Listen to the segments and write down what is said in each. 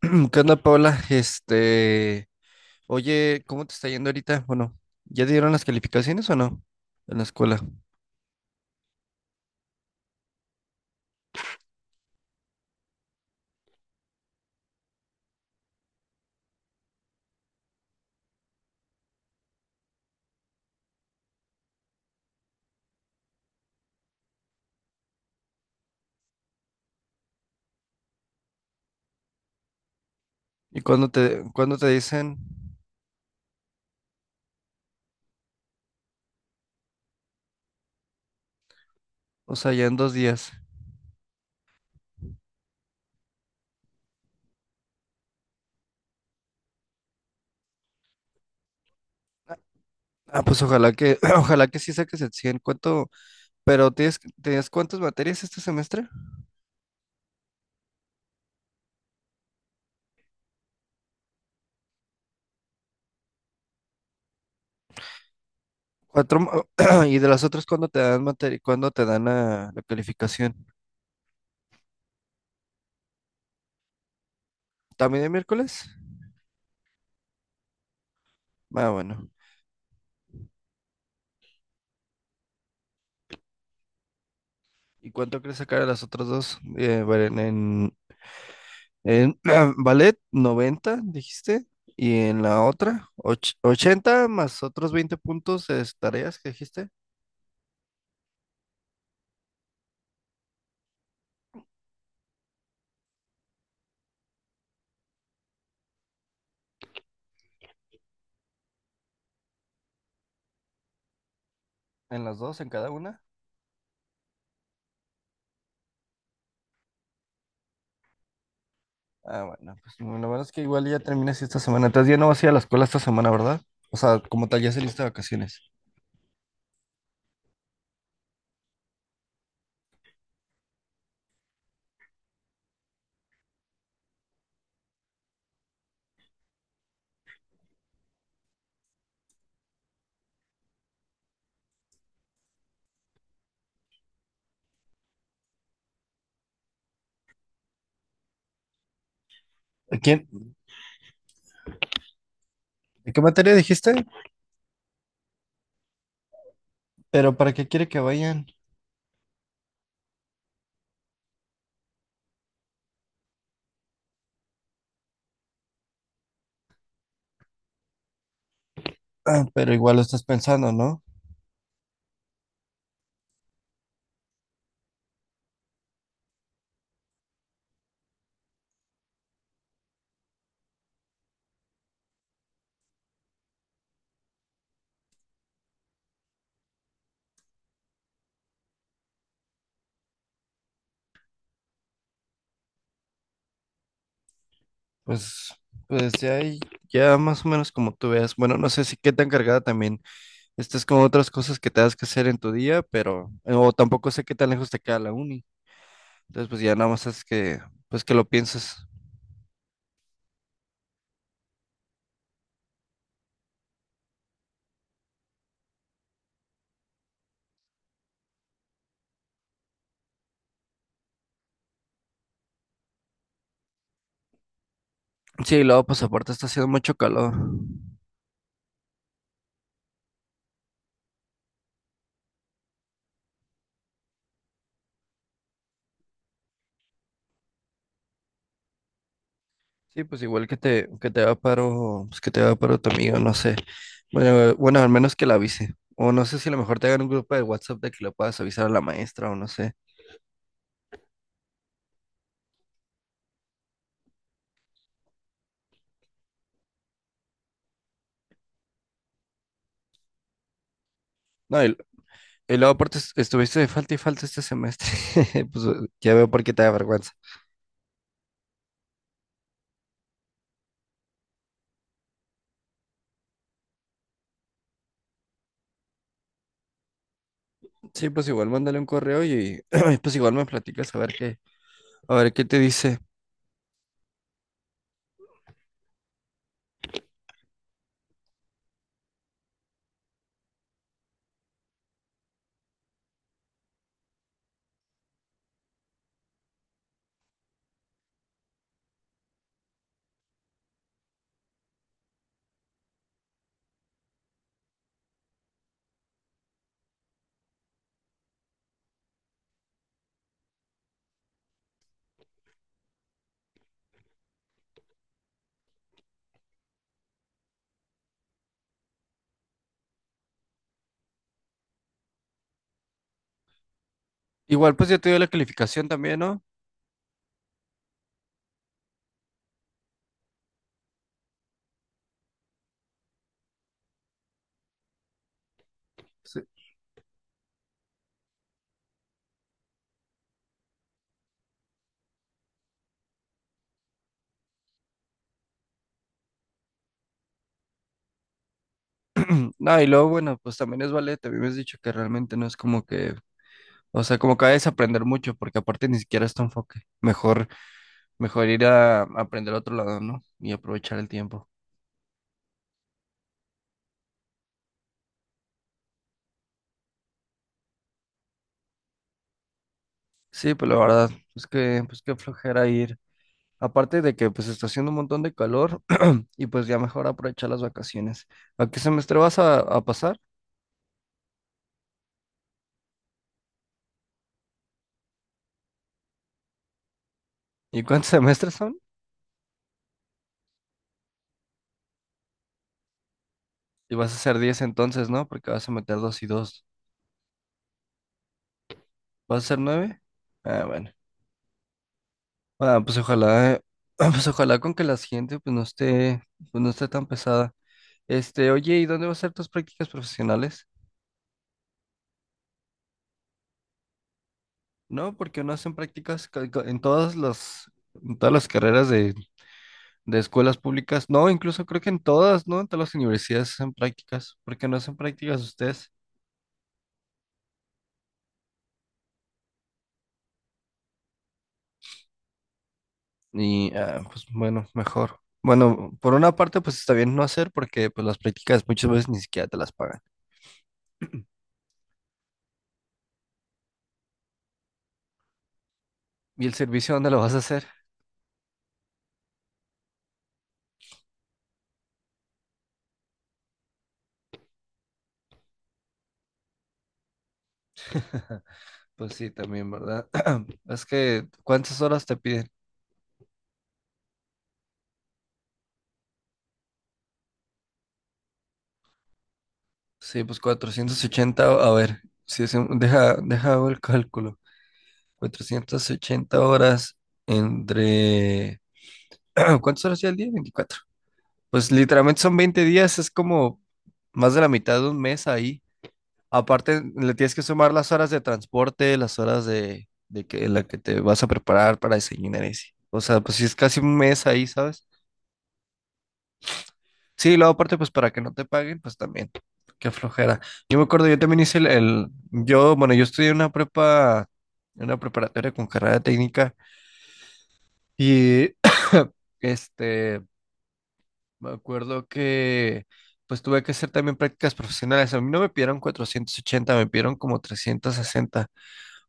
¿Qué onda, Paula? Oye, ¿cómo te está yendo ahorita? Bueno, ¿ya te dieron las calificaciones o no? En la escuela. ¿Y cuándo te dicen? O sea, ya en dos días. Ah, pues ojalá que sí saques el 100. ¿Cuánto? Pero ¿tenías cuántas materias este semestre? Cuatro. ¿Y de las otras cuándo te dan la calificación? ¿También el miércoles? Ah, bueno. ¿Y cuánto crees sacar a las otras dos? En ballet, 90 dijiste. Y en la otra, 80 más otros 20 puntos de tareas que dijiste. En las dos, en cada una. Ah, bueno, pues lo bueno es que igual ya terminas esta semana. Entonces ya no vas a ir a la escuela esta semana, ¿verdad? O sea, como tal, ya saliste de vacaciones. ¿A quién? ¿De qué materia dijiste? Pero ¿para qué quiere que vayan? Ah, pero igual lo estás pensando, ¿no? Pues, pues ya, hay- ya más o menos como tú veas. Bueno, no sé si qué tan cargada también estas es como otras cosas que te das que hacer en tu día, pero, o tampoco sé qué tan lejos te queda la uni. Entonces, pues ya nada más pues que lo pienses. Sí, y luego, pues aparte está haciendo mucho calor. Sí, pues igual que que te va paro, pues que te va paro tu amigo, no sé. Bueno, al menos que la avise. O no sé si a lo mejor te hagan un grupo de WhatsApp de que lo puedas avisar a la maestra o no sé. No, y luego aparte estuviste de falta y falta este semestre. Pues ya veo por qué te da vergüenza. Sí, pues igual mándale un correo y pues igual me platicas a ver, ¿qué te dice? Igual, pues ya te dio la calificación también, ¿no? Sí. No, y luego, bueno, pues también es ballet. A mí me has dicho que realmente no es como que, o sea, como que vayas a aprender mucho, porque aparte ni siquiera es tu enfoque. Mejor ir a aprender a otro lado, ¿no? Y aprovechar el tiempo. Sí, pues la verdad, pues qué flojera ir. Aparte de que, pues está haciendo un montón de calor y pues ya mejor aprovechar las vacaciones. ¿A qué semestre vas a pasar? ¿Y cuántos semestres son? Y vas a hacer 10 entonces, ¿no? Porque vas a meter dos y dos. ¿Va a ser nueve? Ah, bueno. Ah, pues ojalá, pues ojalá con que la siguiente pues no esté tan pesada. Oye, ¿y dónde va a ser tus prácticas profesionales? No, porque no hacen prácticas en todas en todas las carreras de escuelas públicas. No, incluso creo que en todas, ¿no? En todas las universidades hacen prácticas. ¿Por qué no hacen prácticas ustedes? Pues bueno, mejor. Bueno, por una parte, pues está bien no hacer, porque pues las prácticas muchas veces ni siquiera te las pagan. ¿Y el servicio dónde lo vas a hacer? Pues sí, también, ¿verdad? Es que, ¿cuántas horas te piden? Sí, pues 480 a ver, si es un- deja, deja hago el cálculo. Cuatrocientas ochenta horas entre... ¿Cuántas horas ya al día? Veinticuatro. Pues literalmente son 20 días, es como más de la mitad de un mes ahí. Aparte, le tienes que sumar las horas de transporte, las horas de que, en la que te vas a preparar para desayunar y así. O sea, pues sí es casi un mes ahí, ¿sabes? Sí, luego aparte, pues para que no te paguen, pues también. Qué flojera. Yo me acuerdo, yo también hice bueno, yo estudié una prepa, una preparatoria con carrera técnica y este, me acuerdo que pues tuve que hacer también prácticas profesionales. A mí no me pidieron cuatrocientos ochenta, me pidieron como 360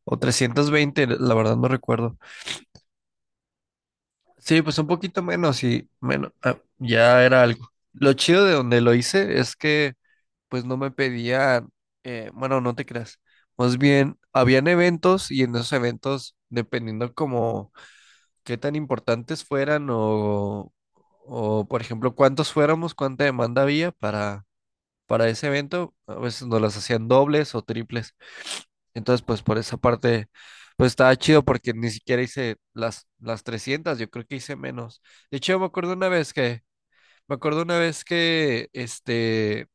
o trescientos veinte, la verdad no recuerdo. Sí, pues un poquito menos y menos, ah, ya era algo. Lo chido de donde lo hice es que pues no me pedían, bueno, no te creas. Más bien, habían eventos y en esos eventos, dependiendo como qué tan importantes o por ejemplo, cuántos fuéramos, cuánta demanda había para ese evento, a veces nos las hacían dobles o triples. Entonces, pues por esa parte, pues estaba chido porque ni siquiera hice las trescientas, yo creo que hice menos. De hecho, me acuerdo una vez que,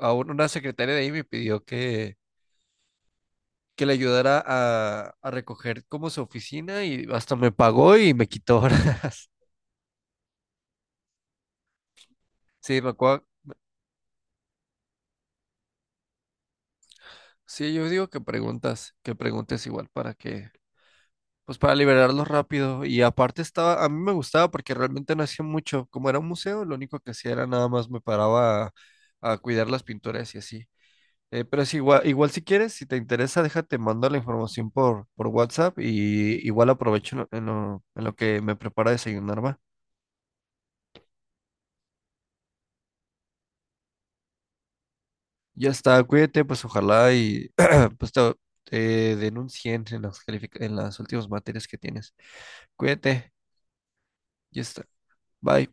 a una secretaria de ahí me pidió que le ayudara a recoger como su oficina y hasta me pagó y me quitó ahora. Sí, me acuerdo. Sí, yo digo que preguntas, que preguntes igual para que, pues para liberarlos rápido. Y aparte estaba, a mí me gustaba porque realmente no hacía mucho. Como era un museo, lo único que hacía era nada más me paraba a cuidar las pinturas y así. Pero sí, igual, igual si quieres, si te interesa, déjate, mando la información por WhatsApp y igual aprovecho en lo que me prepara desayunar, ¿va? Ya está, cuídate, pues ojalá y pues te, te den en en las últimas materias que tienes. Cuídate, ya está, bye.